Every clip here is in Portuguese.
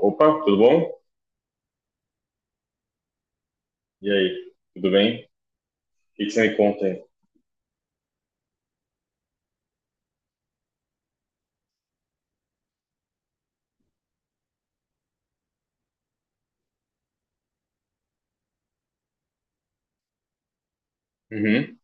Opa, tudo bom? E aí, tudo bem? O que que você me conta aí? Uhum.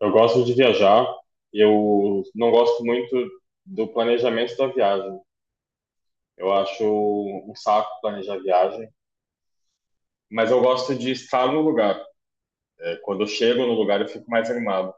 Eu gosto de viajar, eu não gosto muito do planejamento da viagem. Eu acho um saco planejar viagem, mas eu gosto de estar no lugar. É, quando eu chego no lugar, eu fico mais animado.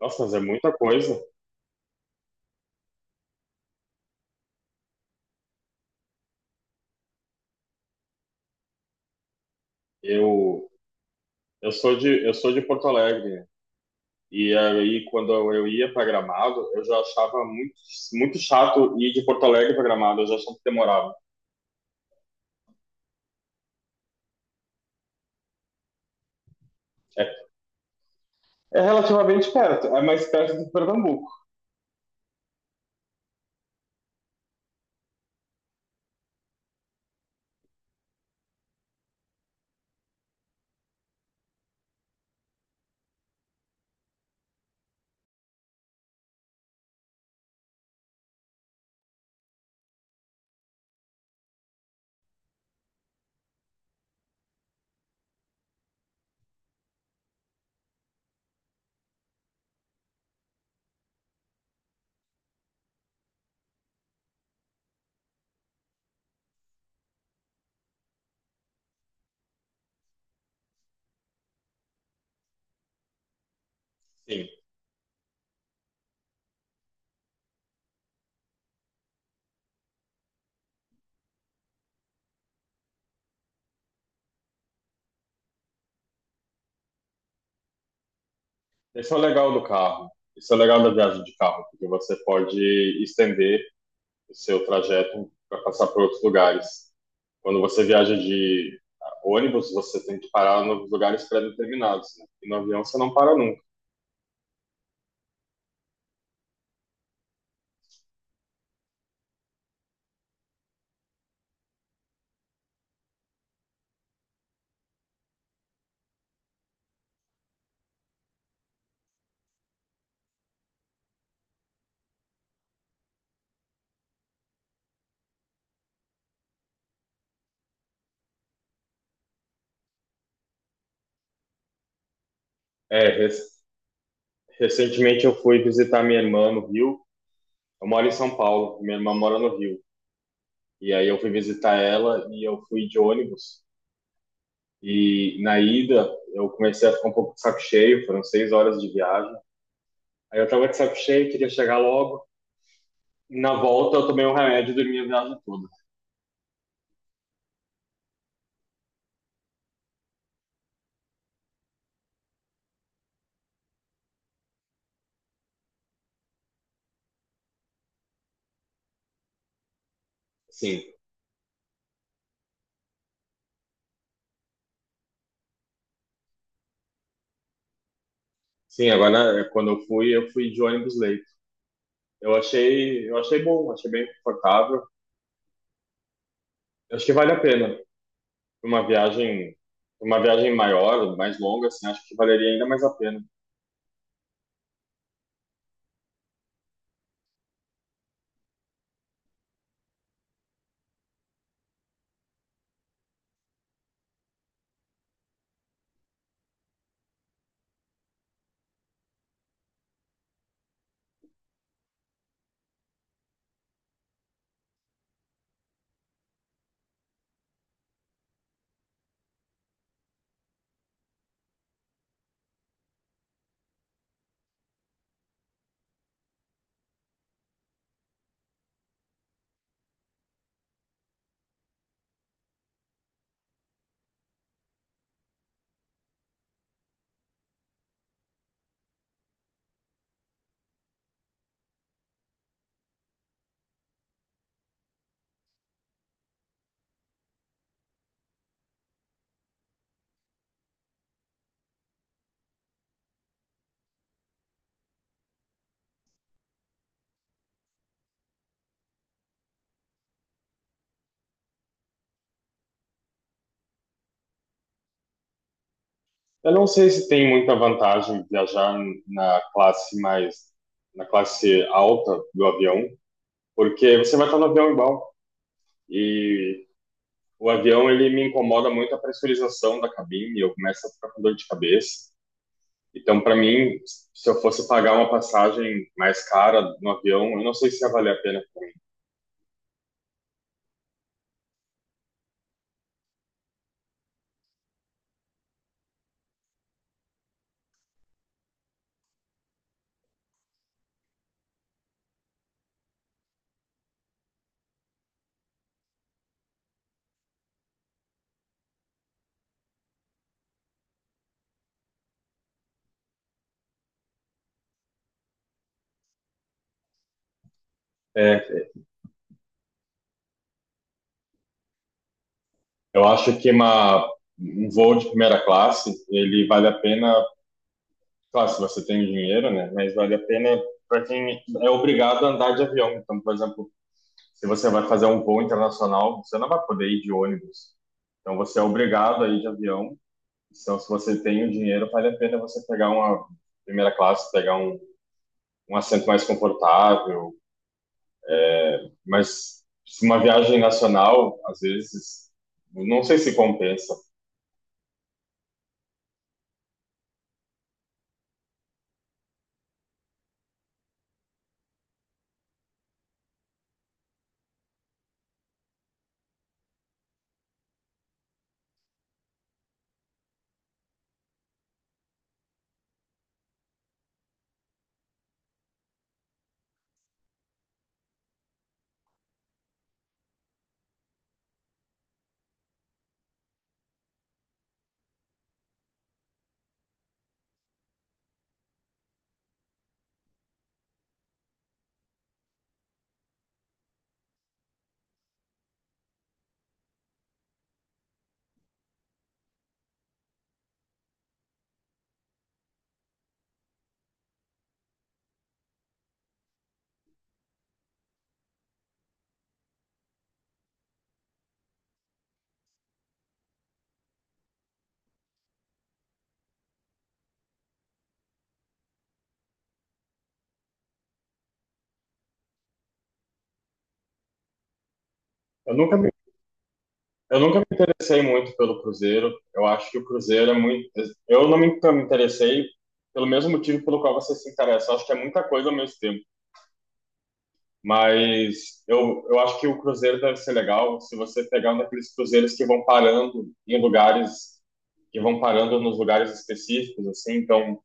Nossa, mas é muita coisa. Eu, eu sou eu sou de Porto Alegre. E aí, quando eu ia para Gramado, eu já achava muito, muito chato ir de Porto Alegre para Gramado, eu já achava que demorava. É É. relativamente perto, é mais perto do Pernambuco. Sim, esse é o legal do carro. Isso é o legal da viagem de carro, porque você pode estender o seu trajeto para passar por outros lugares. Quando você viaja de ônibus, você tem que parar em lugares pré-determinados, né? E no avião você não para nunca. É, recentemente eu fui visitar minha irmã no Rio. Eu moro em São Paulo, minha irmã mora no Rio. E aí eu fui visitar ela e eu fui de ônibus. E na ida, eu comecei a ficar um pouco de saco cheio, foram 6 horas de viagem. Aí eu tava de saco cheio, queria chegar logo. Na volta, eu tomei um remédio e dormi a viagem toda. Sim, sim, agora é, quando eu fui de ônibus leito. Eu achei bom, achei bem confortável. Eu acho que vale a pena. Uma viagem, uma viagem maior, mais longa, assim, acho que valeria ainda mais a pena. Eu não sei se tem muita vantagem viajar na classe mais, na classe alta do avião, porque você vai estar no avião igual. E o avião, ele me incomoda muito a pressurização da cabine, eu começo a ficar com dor de cabeça. Então, para mim, se eu fosse pagar uma passagem mais cara no avião, eu não sei se ia valer a pena pra mim. É, eu acho que um voo de primeira classe, ele vale a pena, claro, se você tem dinheiro, né? Mas vale a pena para quem é obrigado a andar de avião. Então, por exemplo, se você vai fazer um voo internacional, você não vai poder ir de ônibus. Então você é obrigado a ir de avião. Então, se você tem o dinheiro, vale a pena você pegar uma primeira classe, pegar um assento mais confortável. Mas se uma viagem nacional, às vezes, não sei se compensa. Eu nunca me, eu nunca me interessei muito pelo cruzeiro. Eu acho que o cruzeiro é muito. Eu não me, Nunca me interessei pelo mesmo motivo pelo qual você se interessa. Eu acho que é muita coisa ao mesmo tempo. Mas eu acho que o cruzeiro deve ser legal se você pegar um daqueles cruzeiros que vão parando em lugares, que vão parando nos lugares específicos, assim. Então,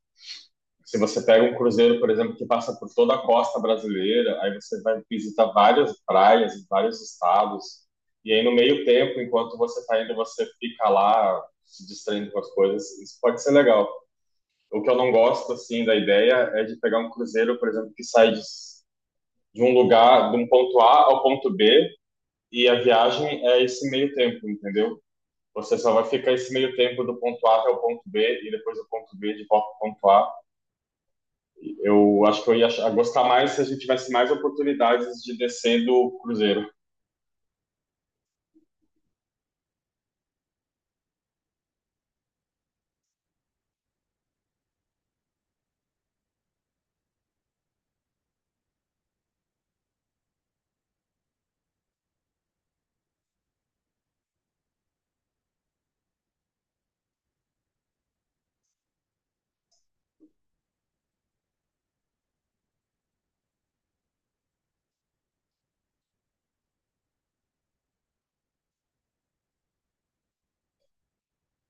se você pega um cruzeiro, por exemplo, que passa por toda a costa brasileira, aí você vai visitar várias praias em vários estados. E aí, no meio tempo, enquanto você está indo, você fica lá se distraindo com as coisas. Isso pode ser legal. O que eu não gosto, assim, da ideia é de pegar um cruzeiro, por exemplo, que sai de um lugar, de um ponto A ao ponto B, e a viagem é esse meio tempo, entendeu? Você só vai ficar esse meio tempo do ponto A até o ponto B e depois do ponto B de volta ao ponto A. Eu acho que eu ia gostar mais se a gente tivesse mais oportunidades de descer do cruzeiro.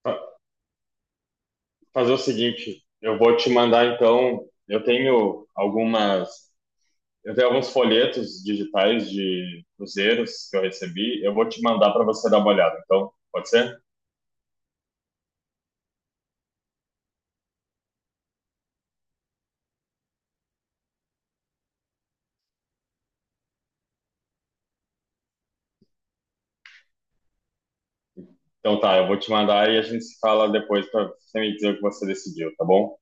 Fa- Fazer o seguinte, eu vou te mandar então, eu tenho alguns folhetos digitais de cruzeiros que eu recebi, eu vou te mandar para você dar uma olhada. Então, pode ser? Então tá, eu vou te mandar e a gente se fala depois para você me dizer o que você decidiu, tá bom?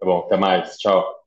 Tá bom, até mais, tchau.